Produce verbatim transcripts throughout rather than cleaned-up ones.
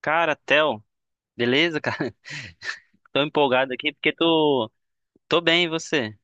Cara, Theo, beleza, cara? Tô empolgado aqui porque tô, tô bem, e você?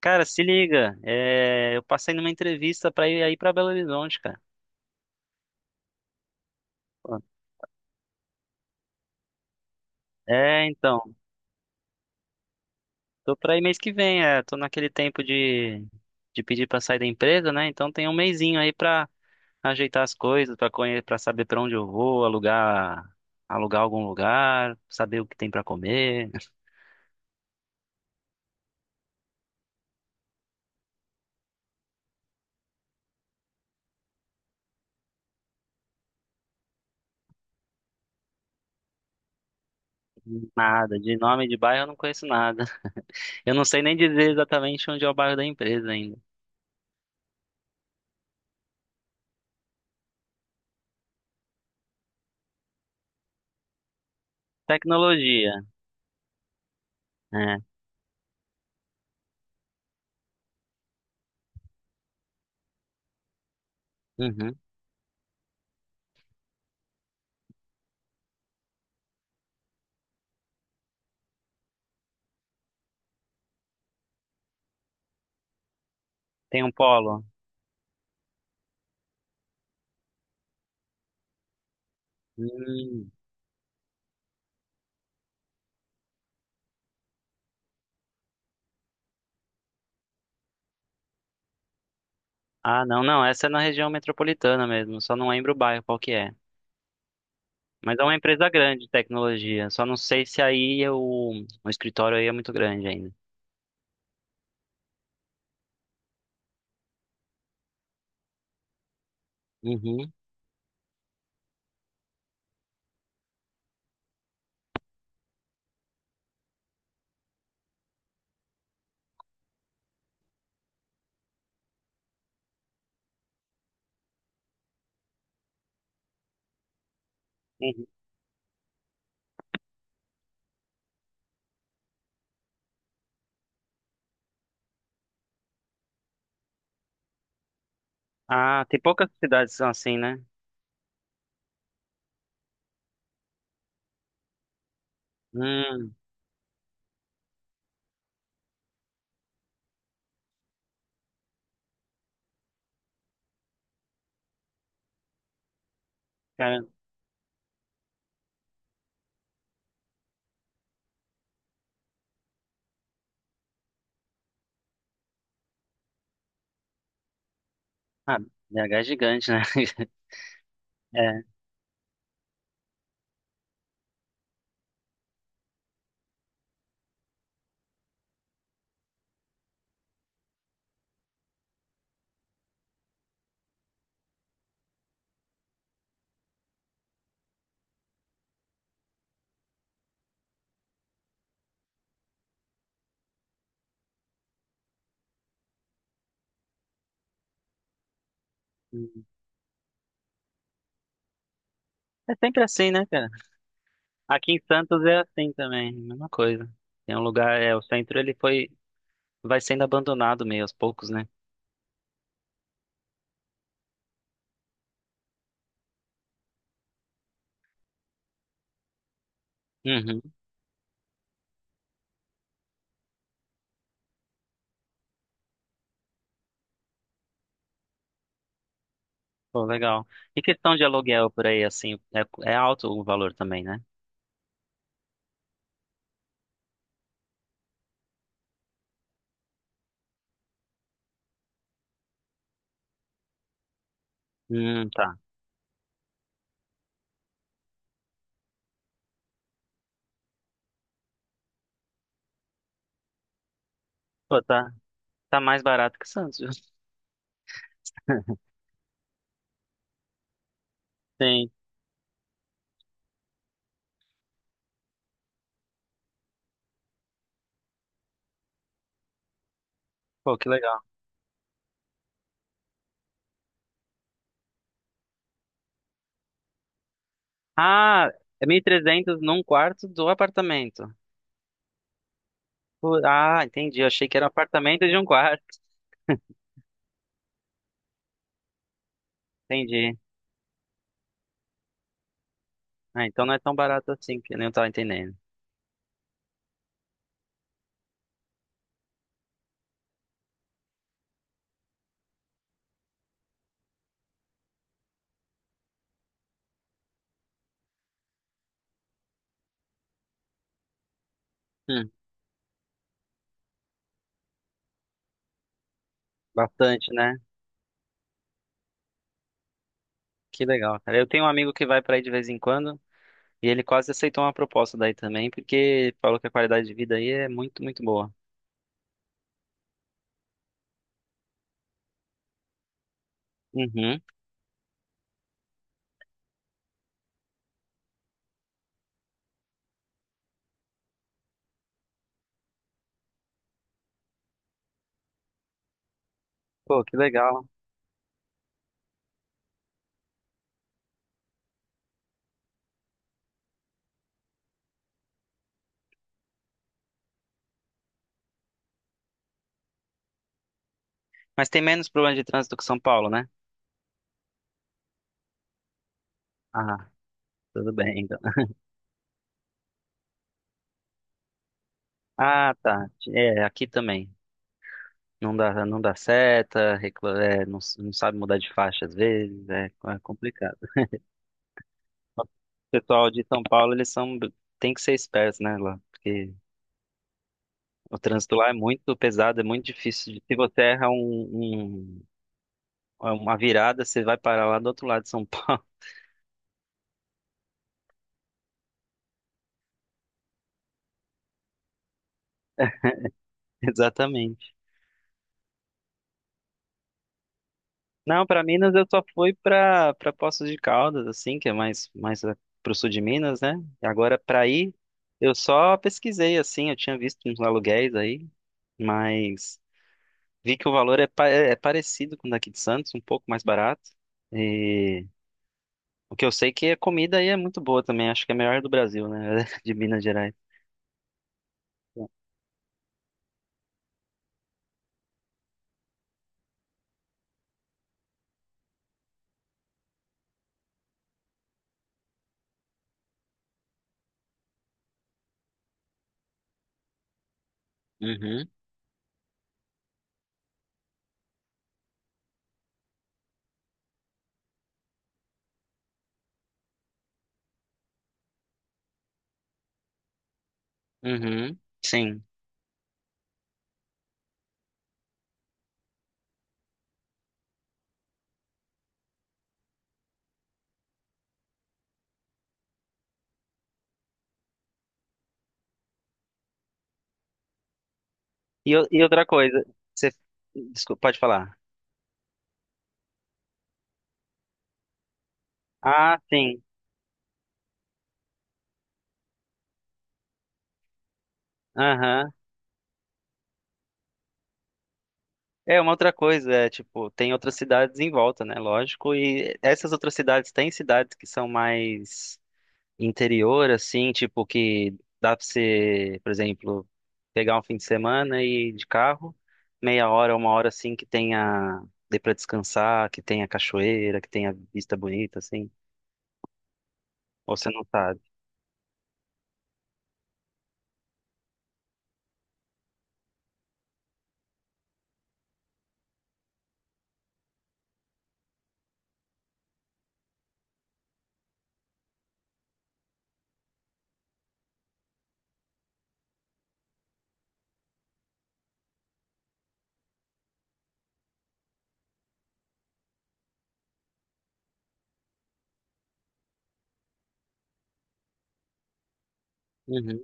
Cara, se liga, é, eu passei numa entrevista pra ir aí pra Belo Horizonte, cara. Pô. É, então, Tô pra ir mês que vem, é, tô naquele tempo de, de pedir pra sair da empresa, né? Então tem um mesinho aí pra ajeitar as coisas, pra conhecer, para saber pra onde eu vou, alugar, alugar algum lugar, saber o que tem pra comer. Nada, de nome de bairro eu não conheço nada. Eu não sei nem dizer exatamente onde é o bairro da empresa ainda. Tecnologia, é. Uhum. Tem um polo. Hum. Ah, não, não. Essa é na região metropolitana mesmo. Só não lembro o bairro qual que é. Mas é uma empresa grande de tecnologia. Só não sei se aí é o, o escritório aí é muito grande ainda. Uhum. Uhum. Ah, tem poucas cidades que são assim, né? Hum, cara. Ah, B H é gigante, né? É. Hum. É sempre assim, né, cara? Aqui em Santos é assim também, mesma coisa. Tem um lugar, é, o centro ele foi, vai sendo abandonado meio aos poucos, né? Uhum. Pô, legal. E questão de aluguel por aí, assim, é, é alto o valor também, né? Hum, tá. Pô, tá, tá mais barato que Santos, viu? Sim. Pô, que legal. Ah, é mil e trezentos num quarto do apartamento. Pô, ah, entendi. Eu achei que era um apartamento de um quarto. Entendi. Ah, então não é tão barato assim, que eu nem tava entendendo. Hum, bastante, né? Que legal, cara. Eu tenho um amigo que vai pra aí de vez em quando e ele quase aceitou uma proposta daí também, porque falou que a qualidade de vida aí é muito, muito boa. Uhum. Pô, que legal. Mas tem menos problema de trânsito que São Paulo, né? Ah, tudo bem, então. Ah, tá. É, aqui também. Não dá, não dá seta, recla- é, não, s- não sabe mudar de faixa às vezes, é, co- é complicado. O pessoal de São Paulo, eles são, tem que ser espertos, né, lá, porque o trânsito lá é muito pesado, é muito difícil. de- Se você erra um, um- uma virada, você vai parar lá do outro lado de São Paulo. Exatamente. Não, pra Minas eu só fui pra para Poços de Caldas, assim, que é mais mais a- pro sul de Minas, né? E agora pra ir, eu só pesquisei assim, eu tinha visto uns aluguéis aí, mas vi que o valor é, pa- é parecido com o daqui de Santos, um pouco mais barato. E o que eu sei é que a comida aí é muito boa também, acho que é a melhor do Brasil, né? De Minas Gerais. Uhum, uhum, sim. E, o- e outra coisa, você, desculpa, pode falar. Ah, sim. Aham. É, uma outra coisa, é, tipo, tem outras cidades em volta, né? Lógico, e essas outras cidades têm cidades que são mais interior, assim, tipo, que dá pra você, por exemplo, pegar um fim de semana e ir de carro, meia hora, uma hora, assim, que tenha, dê pra descansar, que tenha cachoeira, que tenha vista bonita, assim, ou você não sabe. Uhum,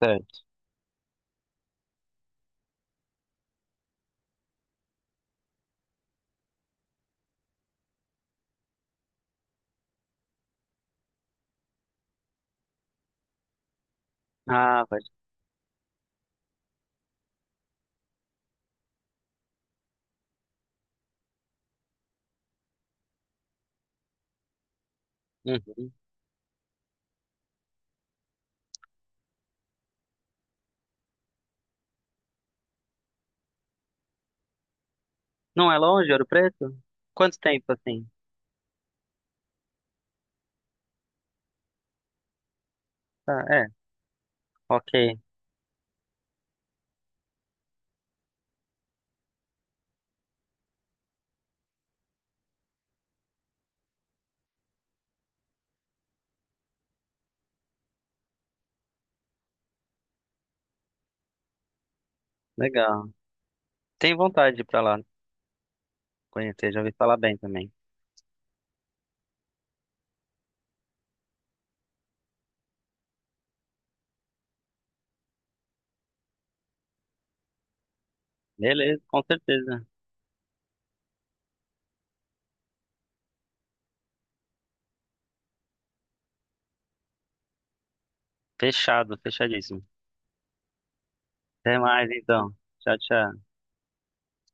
certo. Ah, vai. Uhum. Não é longe, Ouro Preto? Quanto tempo, assim? Ah, é, ok, legal. Tem vontade de ir pra lá. Conhecer, já ouvi falar bem também. Beleza, com certeza. Fechado, fechadíssimo. Até mais então. Tchau, tchau.